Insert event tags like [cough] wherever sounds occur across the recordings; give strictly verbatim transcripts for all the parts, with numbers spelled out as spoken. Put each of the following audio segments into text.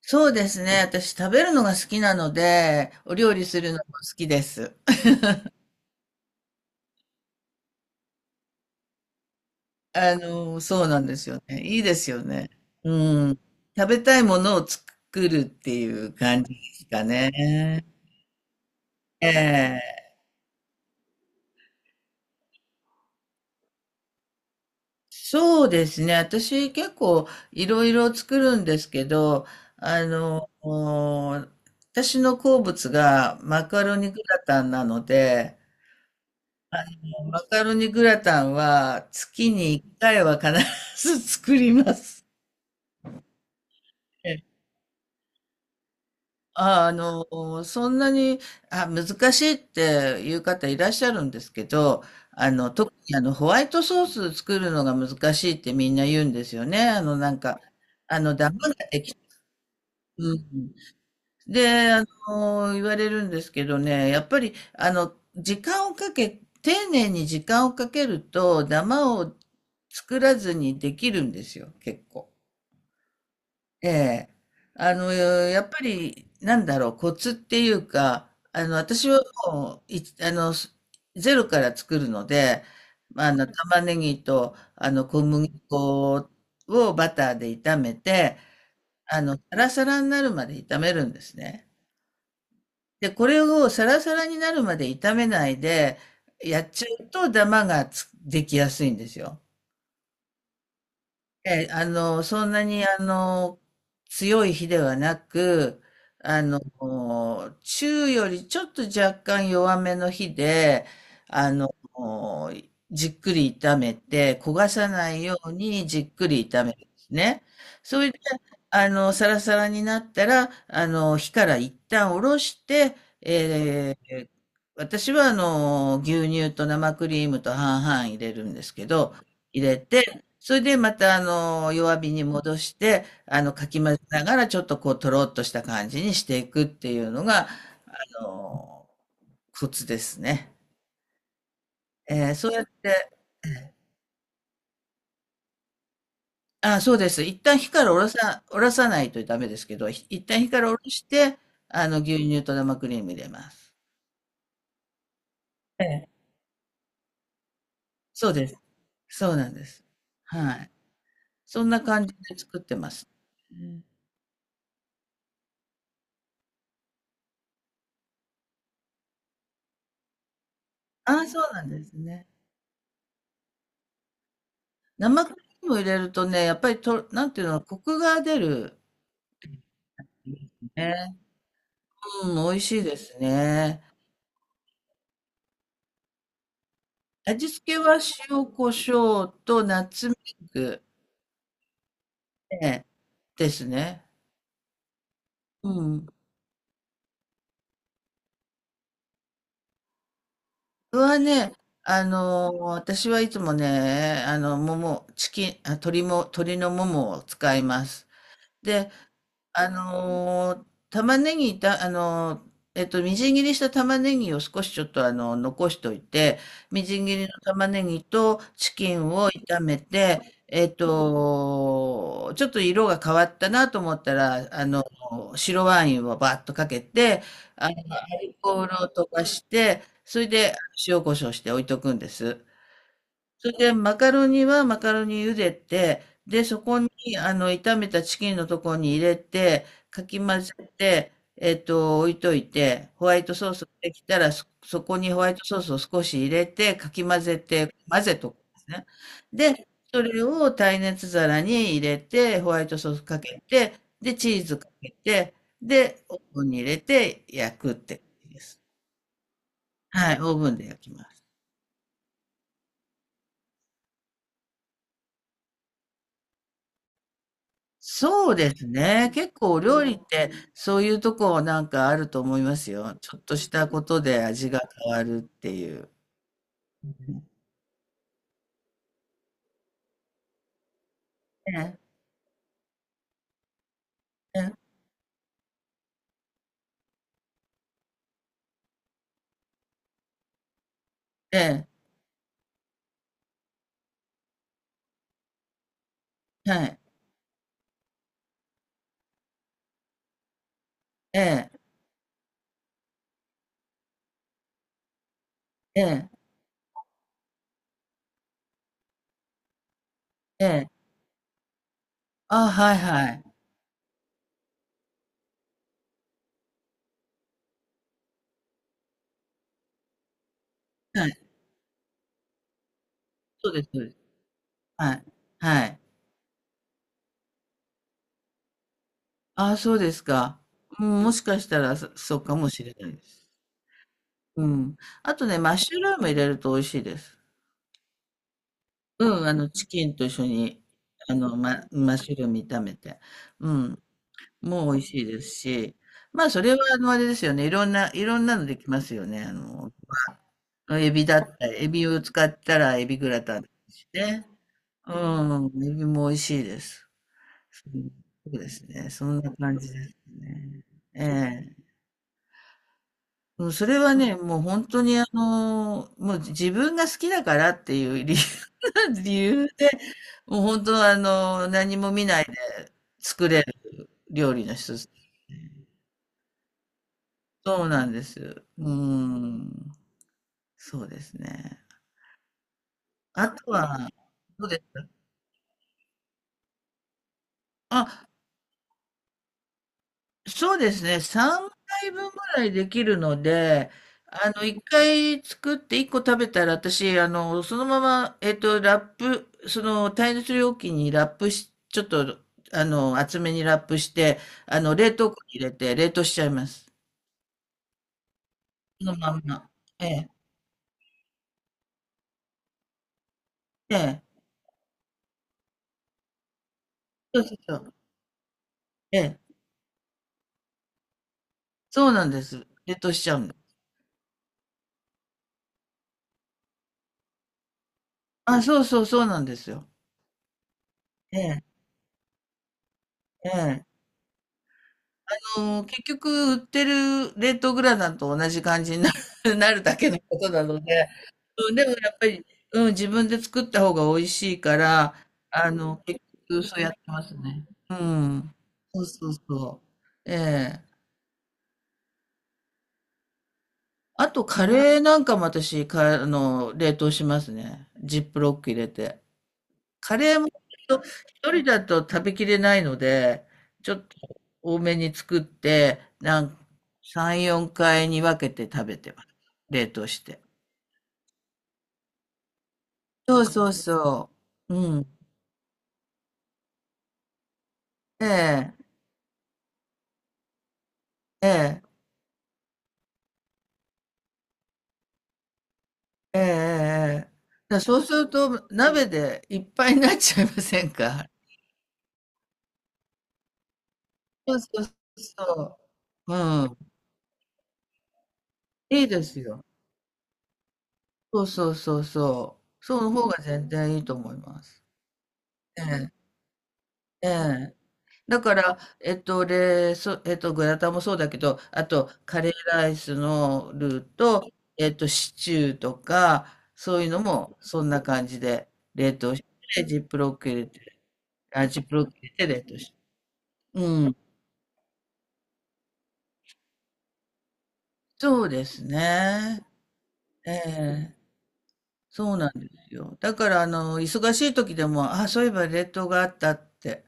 そうですね。私食べるのが好きなので、お料理するのも好きです。[laughs] あの、そうなんですよね。いいですよね。うん。食べたいものを作るっていう感じですかね。ええ。そうですね。私結構いろいろ作るんですけど、あの、お私の好物がマカロニグラタンなので、マカロニグラタンは月にいっかいは必ず作ります。ええ、ああの、そんなに、あ、難しいっていう方いらっしゃるんですけど、あの、特にあの、ホワイトソース作るのが難しいってみんな言うんですよね。あの、なんか、あの、ダマができ、うん。で、あの、言われるんですけどね、やっぱり、あの、時間をかけ、丁寧に時間をかけると、ダマを作らずにできるんですよ、結構。ええ。あの、やっぱり、なんだろう、コツっていうか、あの、私はもう、い、あの、すゼロから作るので、あの、玉ねぎと、あの、小麦粉をバターで炒めて、あの、サラサラになるまで炒めるんですね。で、これをサラサラになるまで炒めないでやっちゃうと、ダマがつできやすいんですよ。ええ、あの、そんなに、あの、強い火ではなく、あの、中よりちょっと若干弱めの火で、あの、じっくり炒めて、焦がさないようにじっくり炒めるんですね。それで、あの、サラサラになったら、あの、火から一旦下ろして、えー私は、あの、牛乳と生クリームと半々入れるんですけど、入れて、それでまたあの、弱火に戻して、あの、かき混ぜながらちょっとこうとろっとした感じにしていくっていうのが、あの、コツですね。えーそうやって、あ、そうです。一旦火からおろさ、おろさないとダメですけど、ひ一旦火からおろして、あの、牛乳と生クリーム入れます。ええ、そうです。そうなんです。はい。そんな感じで作ってます。うん。ああ、そうなんですね。生クリーム入れるとね、やっぱりと、なんていうの、コクが出る。ね。うん、美味しいですね。味付けは塩コショウとナッツメグ、クね、ですね。うん。僕はね、あのー私はいつもね、あの、もも、チキン、あ、鶏も、鶏のももを使います。で、あのー玉ねぎた、あのーえっと、みじん切りした玉ねぎを少しちょっとあの、残しといて、みじん切りの玉ねぎとチキンを炒めて、えっと、ちょっと色が変わったなと思ったら、あの、白ワインをバーッとかけて、アルコールを溶かして、それで塩コショウして置いとくんです。それで、マカロニはマカロニ茹でて、で、そこに、あの、炒めたチキンのところに入れて、かき混ぜて、えっと、置いといて、ホワイトソースができたら、そ、そこにホワイトソースを少し入れて、かき混ぜて、混ぜとくんですね。で、それを耐熱皿に入れて、ホワイトソースかけて、で、チーズかけて、で、オーブンに入れて焼くって感じです。はい、オーブンで焼きます。そうですね。結構お料理ってそういうとこなんかあると思いますよ。ちょっとしたことで味が変わるっていう。ええ、ええ、ええ、はい、ええ、ええ、ええ。あ、はいはい。はい。そうです、そうです。はい。はい。あ、そうですか。うん、もしかしたらそ、そうかもしれないです。うん。あとね、マッシュルーム入れると美味しいです。うん、あの、チキンと一緒に、あの、ま、マッシュルーム炒めて。うん。もう美味しいですし、まあそれはあのあれですよね、いろんな、いろんなのできますよね。あの、エビだったり、エビを使ったらエビグラタンですしね。うん、エビも美味しいです。そうんそうですね、そんな感じですね。ええ。うんそれはね、もう本当にあの、もう自分が好きだからっていう理由、[laughs] 理由で、もう本当あの、何も見ないで作れる料理の一つ。そうなんです。うん。そうですね。あとは、どうですか？あ、そうですね。さんかいぶんぐらいできるので、あの、いっかい作っていっこ食べたら、私、あの、そのまま、えっと、ラップ、その耐熱容器にラップし、ちょっと、あの、厚めにラップして、あの、冷凍庫に入れて、冷凍しちゃいます。そのまんま。ええ、ええ、そうそうそう。ええ、そうなんです。冷凍しちゃうんです。あ、そうそう、そうなんですよ。ええ、ええ。あの、結局売ってる冷凍グラタンと同じ感じになる [laughs] なるだけのことなので、うん、でもやっぱり、うん、自分で作った方が美味しいから、あの、結局そうやってますね。うん。そうそうそう。ええ。あと、カレーなんかも私、か、あの、冷凍しますね。ジップロック入れて。カレーも一人だと食べきれないので、ちょっと多めに作って、なんさん、よんかいに分けて食べてます。冷凍して。そうそうそう。うん。ええ、ええ、ええ、ええ。ええ、だそうすると鍋でいっぱいになっちゃいませんか？そうそうそう。うん。いいですよ。そうそうそうそう。その方が全然いいと思います。ええ、ええ。だから、えっと、で、そ、えっと、グラタンもそうだけど、あと、カレーライスのルーと、えっと、シチューとか、そういうのも、そんな感じで、冷凍して、ジップロック入れて、あ、ジップロック入れて冷凍して。うん。そうですね。ええ、そうなんですよ。だから、あの、忙しい時でも、あ、そういえば冷凍があったって、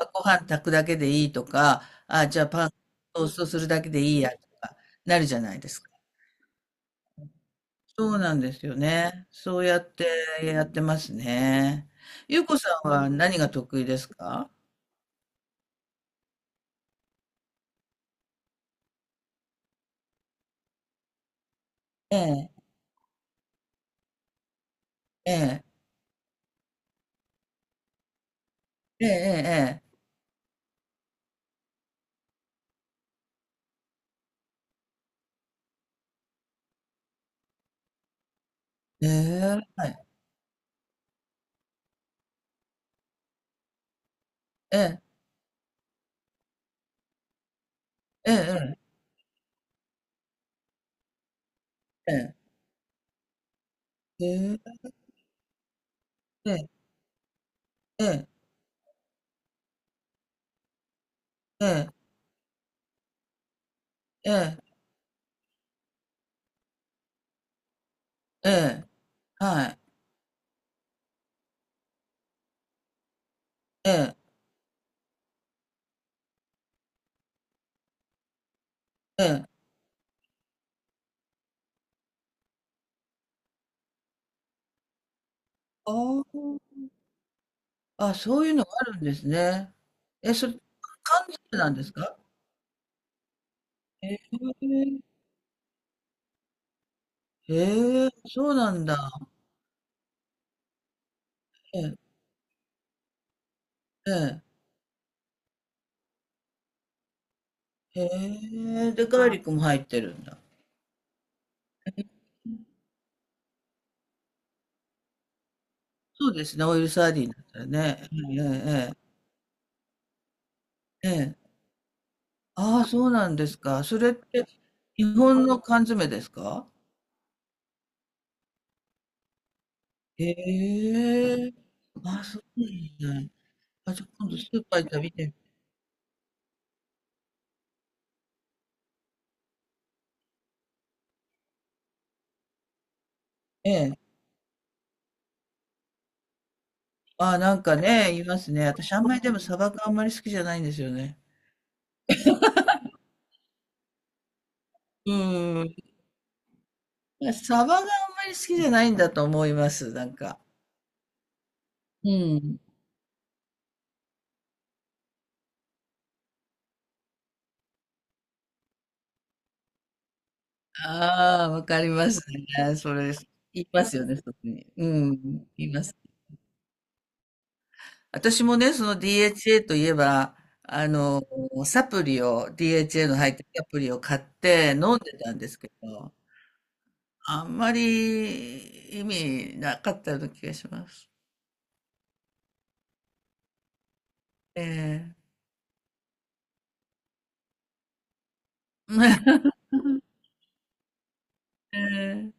あご飯炊くだけでいいとか、あ、じゃあパントーストするだけでいいやとか、なるじゃないですか。そうなんですよね。そうやってやってますね。ゆうこさんは何が得意ですか？ええ、ええ、ええ、ええ、ええ、はい、ええ、ええ、ええ、ええ、ええ、ええ、ええ、ええ、はい、ええ、ええ。ああ、あ、そういうのがあるんですね。え、それ、缶詰なんですか？ええ、ええ、そうなんだ。ええ、ええ、へえ、で、ガーリックも入ってるんだ。そうですね、オイルサーディンだったらね。ええ、ええ。ええ。ああ、そうなんですか。それって、日本の缶詰ですか？へえ。ああ、そうなんだ。あ、じゃあ今度スーパー行ったら見て。ええ。ああ、なんかね、いますね。私あんまりでもサバがあんまり好きじゃないんですよね。うん。サバがあんまり好きじゃないんだと思います、なんか。うん。ああ、わかりますね。それ、言いますよね、特に。うん。言います。私もね、その ディーエイチエー といえば、あの、サプリを、ディーエイチエー の入ったサプリを買って飲んでたんですけど、あんまり意味なかったような気がします。ええ [laughs] ええ